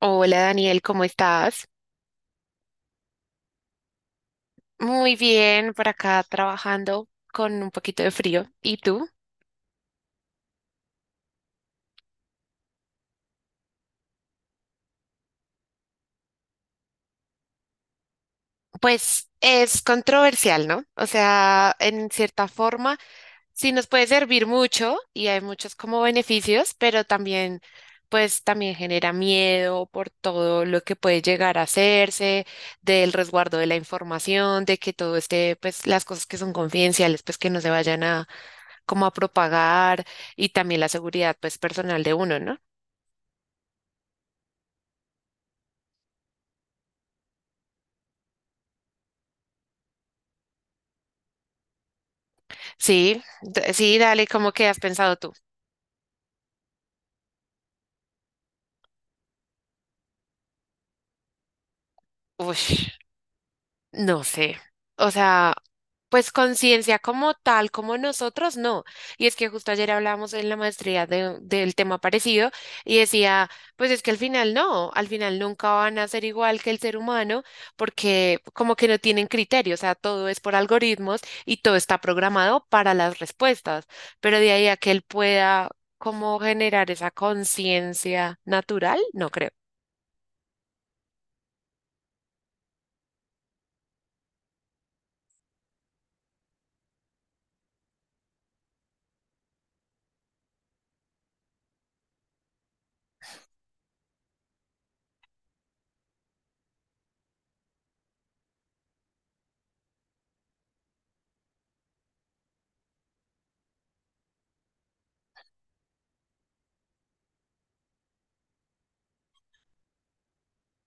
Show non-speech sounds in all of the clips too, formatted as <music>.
Hola Daniel, ¿cómo estás? Muy bien, por acá trabajando con un poquito de frío. ¿Y tú? Pues es controversial, ¿no? O sea, en cierta forma, sí nos puede servir mucho y hay muchos como beneficios, pero también, pues también genera miedo por todo lo que puede llegar a hacerse, del resguardo de la información, de que todo esté, pues las cosas que son confidenciales, pues que no se vayan a como a propagar y también la seguridad, pues personal de uno, ¿no? Sí, dale, ¿cómo que has pensado tú? Uy, no sé. O sea, pues conciencia como tal, como nosotros, no. Y es que justo ayer hablábamos en la maestría de, del tema parecido y decía, pues es que al final no, al final nunca van a ser igual que el ser humano porque como que no tienen criterio, o sea, todo es por algoritmos y todo está programado para las respuestas, pero de ahí a que él pueda como generar esa conciencia natural, no creo.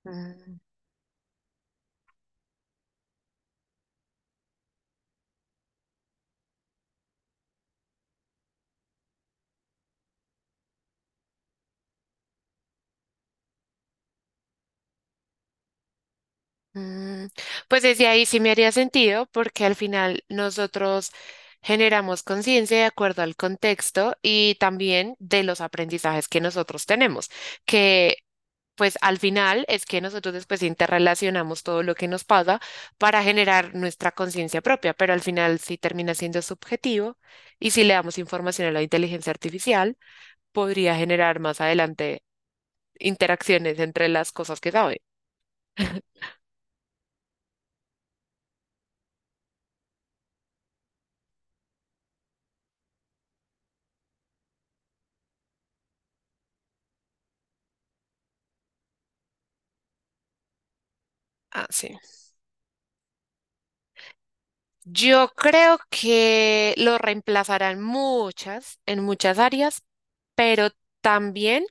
Mm. Mm, Pues desde ahí sí me haría sentido porque al final nosotros generamos conciencia de acuerdo al contexto y también de los aprendizajes que nosotros tenemos, que pues al final es que nosotros después interrelacionamos todo lo que nos pasa para generar nuestra conciencia propia, pero al final sí termina siendo subjetivo y si le damos información a la inteligencia artificial, podría generar más adelante interacciones entre las cosas que sabe. Ah, sí. Yo creo que lo reemplazarán muchas, en muchas áreas, pero también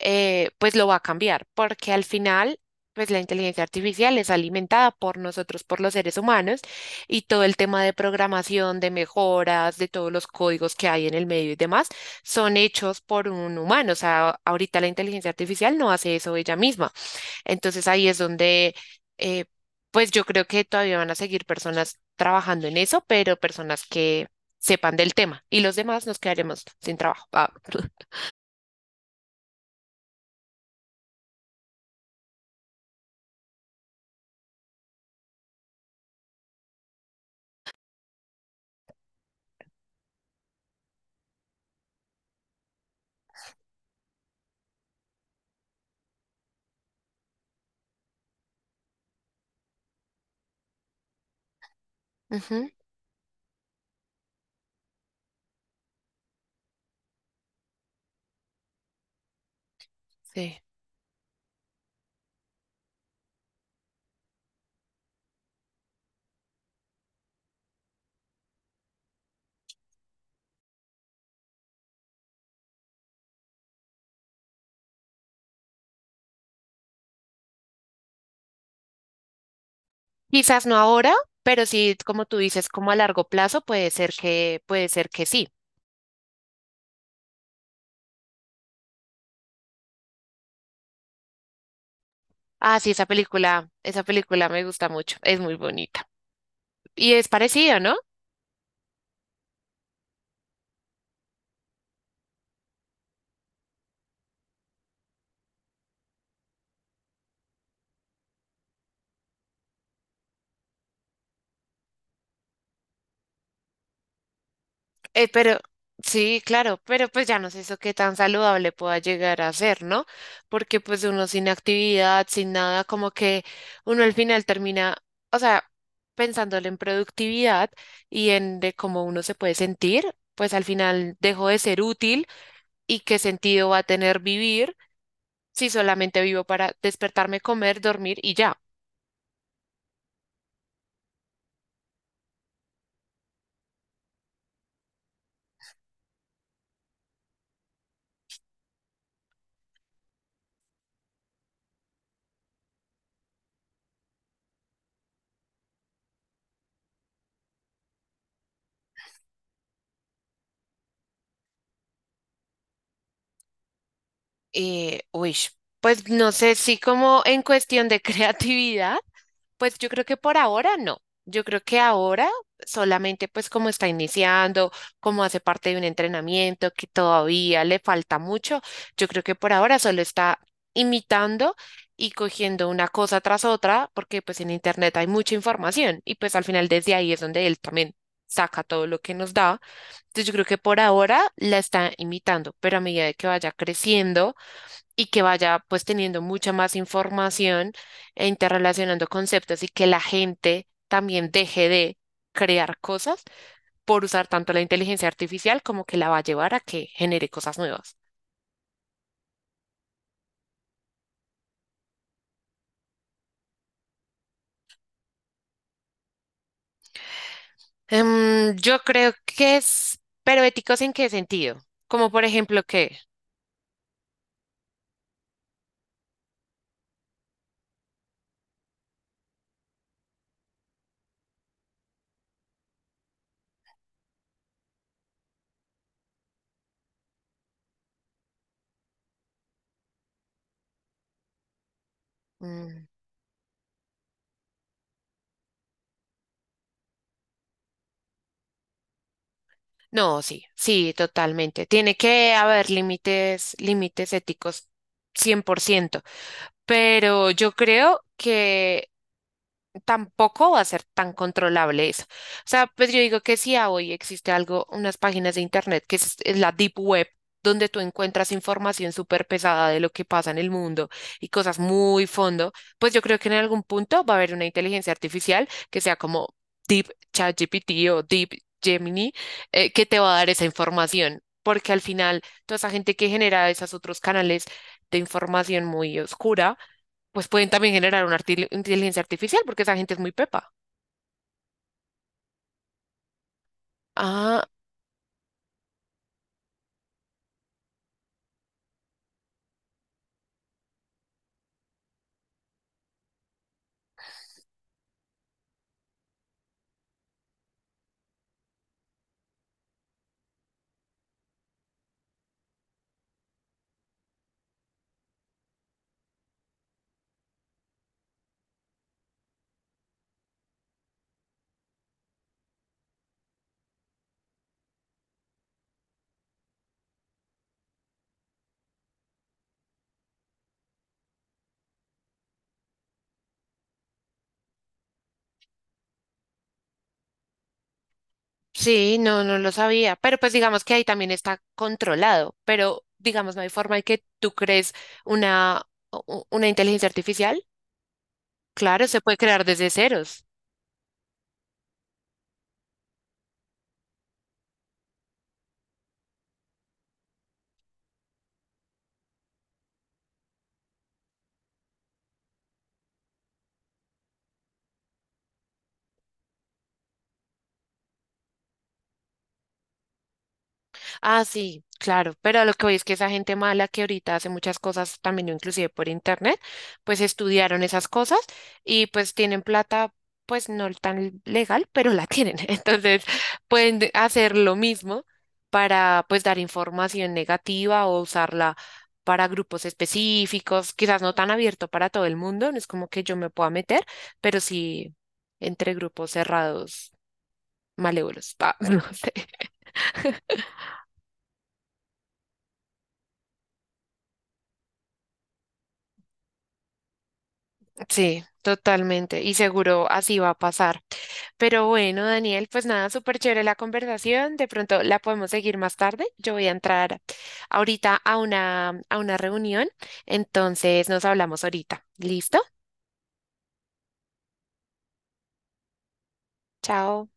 pues lo va a cambiar, porque al final pues la inteligencia artificial es alimentada por nosotros, por los seres humanos, y todo el tema de programación, de mejoras, de todos los códigos que hay en el medio y demás, son hechos por un humano. O sea, ahorita la inteligencia artificial no hace eso ella misma. Entonces ahí es donde, eh, pues yo creo que todavía van a seguir personas trabajando en eso, pero personas que sepan del tema y los demás nos quedaremos sin trabajo. Ah, <laughs> ujú, sí. Quizás no ahora, pero sí, como tú dices, como a largo plazo puede ser que sí. Ah, sí, esa película me gusta mucho, es muy bonita. Y es parecido, ¿no? Pero sí, claro, pero pues ya no sé eso qué tan saludable pueda llegar a ser, ¿no? Porque pues uno sin actividad, sin nada, como que uno al final termina, o sea, pensándole en productividad y en de cómo uno se puede sentir, pues al final dejo de ser útil y qué sentido va a tener vivir si solamente vivo para despertarme, comer, dormir y ya. Uy, pues no sé si como en cuestión de <laughs> creatividad. Pues yo creo que por ahora no. Yo creo que ahora solamente pues como está iniciando, como hace parte de un entrenamiento que todavía le falta mucho, yo creo que por ahora solo está imitando y cogiendo una cosa tras otra, porque pues en internet hay mucha información y pues al final desde ahí es donde él también saca todo lo que nos da. Entonces yo creo que por ahora la está imitando, pero a medida de que vaya creciendo y que vaya pues teniendo mucha más información e interrelacionando conceptos y que la gente también deje de crear cosas por usar tanto la inteligencia artificial como que la va a llevar a que genere cosas nuevas. Yo creo que es, pero ¿éticos en qué sentido? Como por ejemplo que, mm, no, sí, sí, totalmente. Tiene que haber límites, límites éticos 100%, pero yo creo que tampoco va a ser tan controlable eso. O sea, pues yo digo que si a hoy existe algo, unas páginas de internet que es la Deep Web, donde tú encuentras información súper pesada de lo que pasa en el mundo y cosas muy fondo, pues yo creo que en algún punto va a haber una inteligencia artificial que sea como Deep ChatGPT o Deep Gemini, que te va a dar esa información. Porque al final, toda esa gente que genera esos otros canales de información muy oscura, pues pueden también generar una inteligencia artificial porque esa gente es muy pepa. Ah, sí, no, no lo sabía, pero pues digamos que ahí también está controlado, pero digamos no hay forma de que tú crees una, una inteligencia artificial. Claro, se puede crear desde ceros. Ah, sí, claro, pero a lo que voy es que esa gente mala que ahorita hace muchas cosas también, inclusive por internet, pues estudiaron esas cosas y pues tienen plata, pues no tan legal, pero la tienen. <laughs> Entonces pueden hacer lo mismo para pues dar información negativa o usarla para grupos específicos, quizás no tan abierto para todo el mundo, no es como que yo me pueda meter, pero sí entre grupos cerrados, malévolos. <laughs> Ah, no sé. Sí, totalmente. Y seguro así va a pasar. Pero bueno, Daniel, pues nada, súper chévere la conversación. De pronto la podemos seguir más tarde. Yo voy a entrar ahorita a una reunión. Entonces nos hablamos ahorita. ¿Listo? Chao.